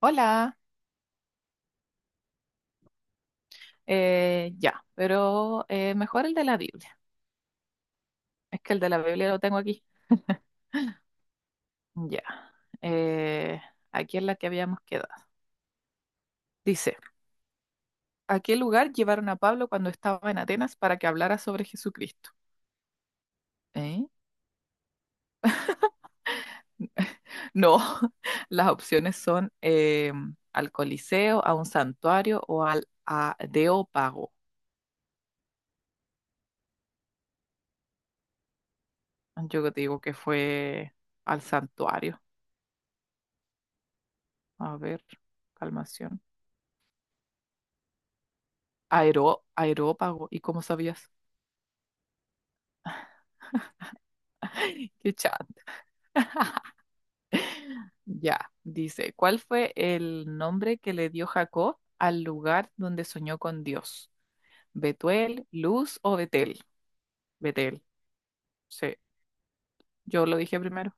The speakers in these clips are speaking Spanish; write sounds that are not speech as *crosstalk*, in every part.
Hola, ya, pero mejor el de la Biblia. Es que el de la Biblia lo tengo aquí. *laughs* Ya, eh, aquí es la que habíamos quedado. Dice, ¿a qué lugar llevaron a Pablo cuando estaba en Atenas para que hablara sobre Jesucristo? ¿Eh? No, *laughs* las opciones son al Coliseo, a un santuario o al Areópago. Yo te digo que fue al santuario. A ver, calmación. Aero, Areópago. ¿Y cómo sabías? Qué chat. *laughs* Ya, dice, ¿cuál fue el nombre que le dio Jacob al lugar donde soñó con Dios? ¿Betuel, Luz o Betel? Betel, sí. Yo lo dije primero.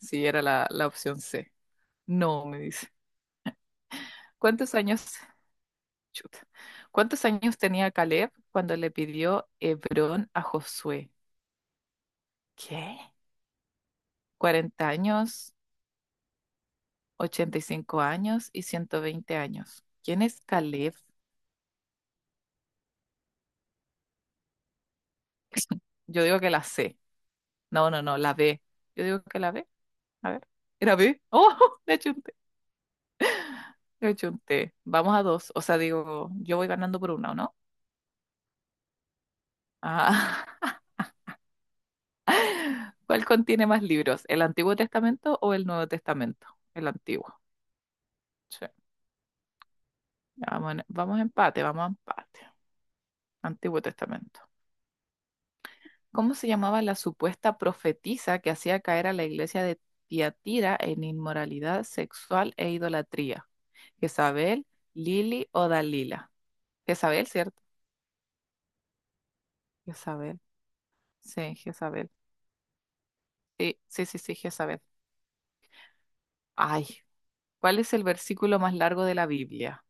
Sí, era la opción C. No, me dice. ¿Cuántos años? Chuta. ¿Cuántos años tenía Caleb cuando le pidió Hebrón a Josué? ¿Qué? 40 años, 85 años y 120 años. ¿Quién es Caleb? *laughs* Yo digo que la C. No, no, no, la B. Yo digo que la B. A ver. Era B. Oh, *laughs* le achunté. Le achunté. Vamos a dos. O sea, digo, yo voy ganando por una, ¿o no? Ah. *laughs* ¿Cuál contiene más libros? ¿El Antiguo Testamento o el Nuevo Testamento? El Antiguo. Sí. Vamos, vamos a empate, vamos a empate. Antiguo Testamento. ¿Cómo se llamaba la supuesta profetisa que hacía caer a la iglesia de Tiatira en inmoralidad sexual e idolatría? ¿Jezabel, Lili o Dalila? Jezabel, ¿cierto? Jezabel. Sí, Jezabel. Sí, sí, sí, sí, Jezabel. Ay, ¿cuál es el versículo más largo de la Biblia?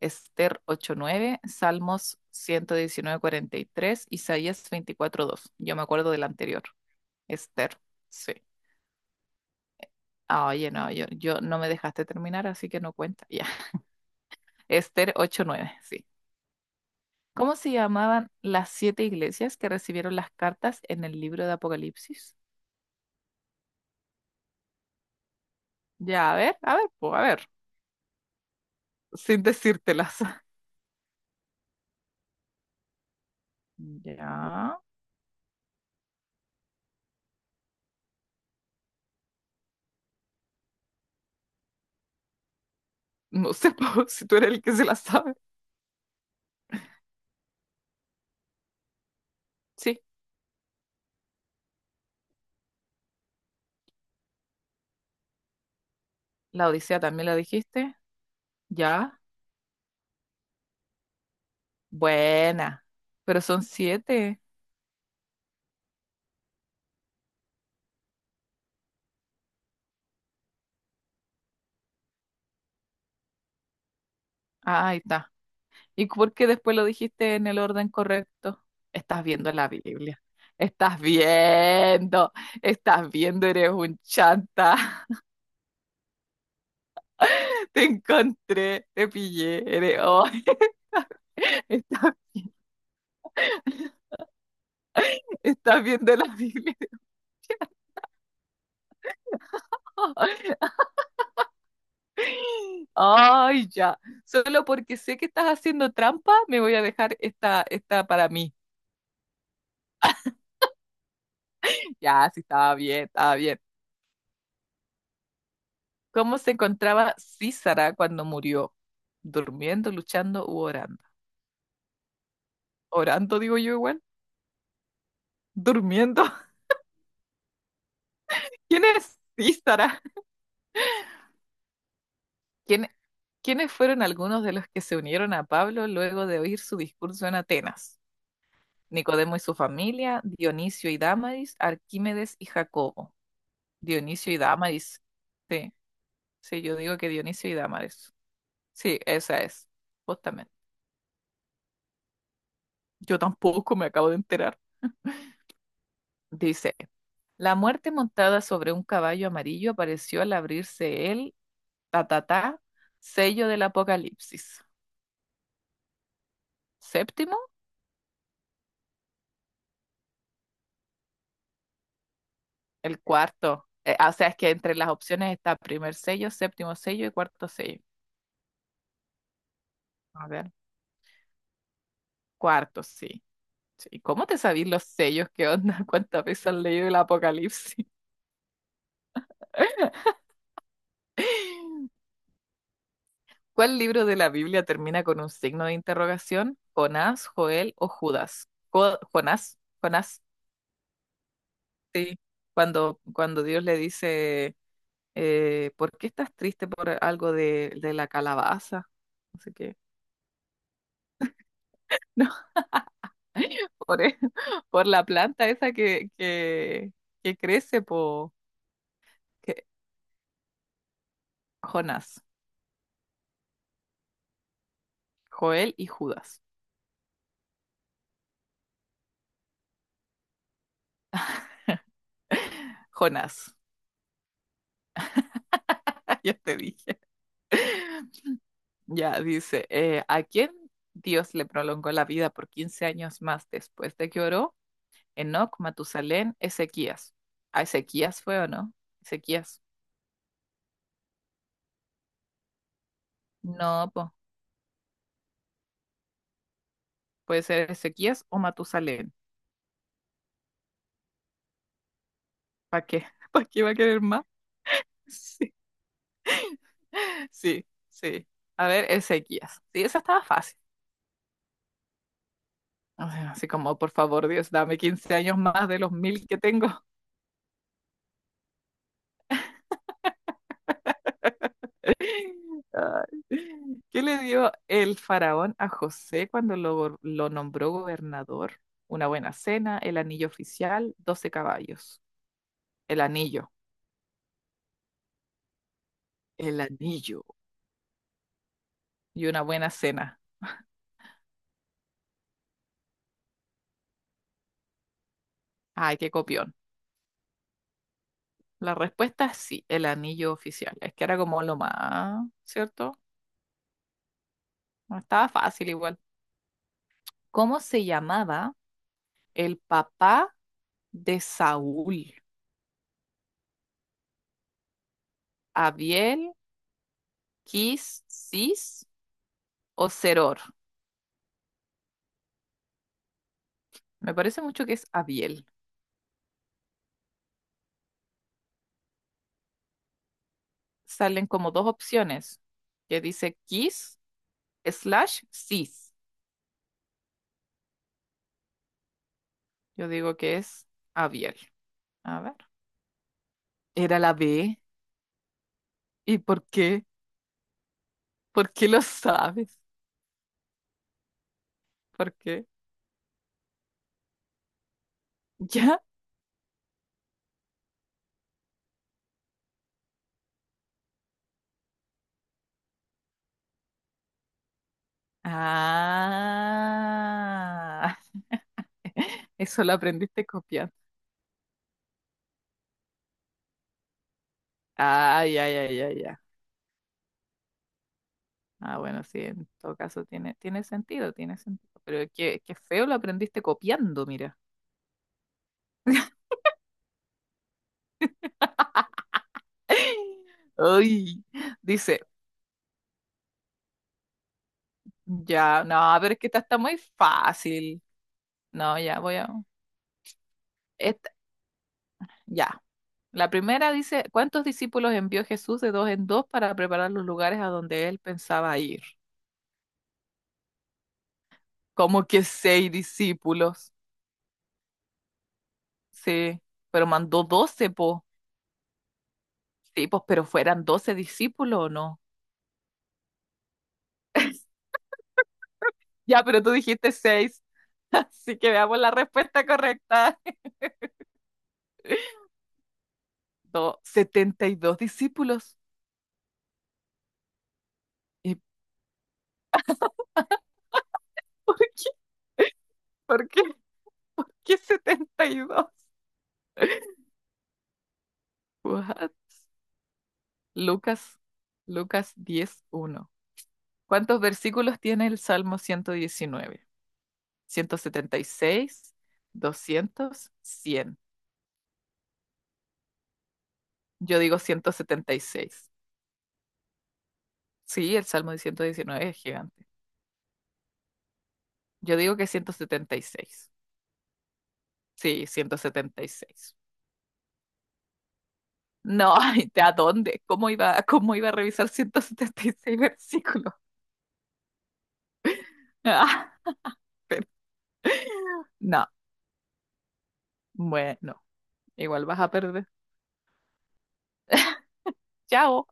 Esther ocho nueve, Salmos 119:43, Isaías 24:2. Yo me acuerdo del anterior. Esther, sí. Ah, oye, no, yo no me dejaste terminar, así que no cuenta. Ya. *laughs* Esther ocho nueve, sí. ¿Cómo se llamaban las 7 iglesias que recibieron las cartas en el libro de Apocalipsis? Ya, a ver, pues, a ver, sin decírtelas. *laughs* Ya. No sé *laughs* po, si tú eres el que se la sabe. Sí, la Odisea también la dijiste. Ya, buena. Pero son 7. Ah, ahí está. ¿Y por qué después lo dijiste en el orden correcto? Estás viendo la Biblia. Estás viendo. Estás viendo, eres un chanta. *laughs* Te encontré, te pillé. Eres... hoy *laughs* Estás, estás viendo la Biblia. *laughs* Ay, ya. Solo porque sé que estás haciendo trampa, me voy a dejar esta, esta para mí. Ya, sí, estaba bien, estaba bien. ¿Cómo se encontraba Císara cuando murió? ¿Durmiendo, luchando u orando? Orando, digo yo igual. Durmiendo. *laughs* ¿Quién es Císara? ¿Quién- ¿quiénes fueron algunos de los que se unieron a Pablo luego de oír su discurso en Atenas? Nicodemo y su familia, Dionisio y Dámaris, Arquímedes y Jacobo. Dionisio y Dámaris. Sí, sí, yo digo que Dionisio y Dámaris. Sí, esa es, justamente. Yo tampoco me acabo de enterar. Dice. La muerte montada sobre un caballo amarillo apareció al abrirse el tatatá, sello del apocalipsis. Séptimo, el cuarto. O sea, es que entre las opciones está primer sello, séptimo sello y cuarto sello. A ver, cuarto, sí. Sí, ¿cómo te sabís los sellos? ¿Qué onda? *laughs* ¿Cuántas veces has leído el apocalipsis? *laughs* ¿Cuál libro de la Biblia termina con un signo de interrogación? ¿Jonás, Joel o Judas? Jonás, Jonás. Sí, cuando Dios le dice, ¿por qué estás triste por algo de la calabaza? No sé qué. *laughs* No, por, e- *laughs* por la planta esa que crece por Jonás, Joel y Judas. Jonás, *laughs* ya te dije. *laughs* Ya dice, ¿a quién Dios le prolongó la vida por 15 años más después de que oró? Enoc, Matusalén, Ezequías. ¿A Ezequías fue o no? Ezequías. No, pues. Puede ser Ezequías o Matusalén. ¿Para qué? *laughs* ¿Para qué va a querer más? *laughs* Sí, sí, sí. A ver, Ezequías. Sí, esa estaba fácil. O sea, así como, por favor, Dios, dame 15 años más de los 1000 que tengo. *laughs* Ay. ¿Qué le dio el faraón a José cuando lo nombró gobernador? Una buena cena, el anillo oficial, 12 caballos. El anillo, el anillo y una buena cena. Ay, qué copión. La respuesta es sí, el anillo oficial. Es que era como lo más, ¿cierto? No estaba fácil igual. ¿Cómo se llamaba el papá de Saúl? ¿Abiel, Quis, Cis o Seror? Me parece mucho que es Abiel. Salen como dos opciones que dice Quis slash Cis. Yo digo que es Abiel. A ver. Era la B. ¿Y por qué? ¿Por qué lo sabes? ¿Por qué? *laughs* ya. Ah, *laughs* eso lo aprendiste copiando. Ah, ya, ya, ya, ya. Ah, bueno, sí, en todo caso tiene sentido, tiene sentido. Pero qué feo lo aprendiste copiando, mira. *laughs* Ay, dice, ya, no, pero es que esta está muy fácil. No, ya, voy a... Esta, ya. La primera dice, ¿cuántos discípulos envió Jesús de dos en dos para preparar los lugares a donde él pensaba ir? Como que seis discípulos. Sí, pero mandó 12 po. Sí, pues, pero fueran 12 discípulos o no. Ya, pero tú dijiste 6. *laughs* así que veamos la respuesta correcta. *laughs* 72 discípulos. ¿Y por qué? ¿Por qué? ¿Qué 72? *laughs* What? Lucas, Lucas 10:1. ¿Cuántos versículos tiene el Salmo 119? ¿176, 200, 100. Yo digo 176. Sí, el Salmo de 119 es gigante. Yo digo que 176. Sí, 176. No, *laughs* ay, ¿de a dónde? Cómo iba a revisar 176 versículos? *laughs* Ah, pero- no, bueno, igual vas a perder. Chao.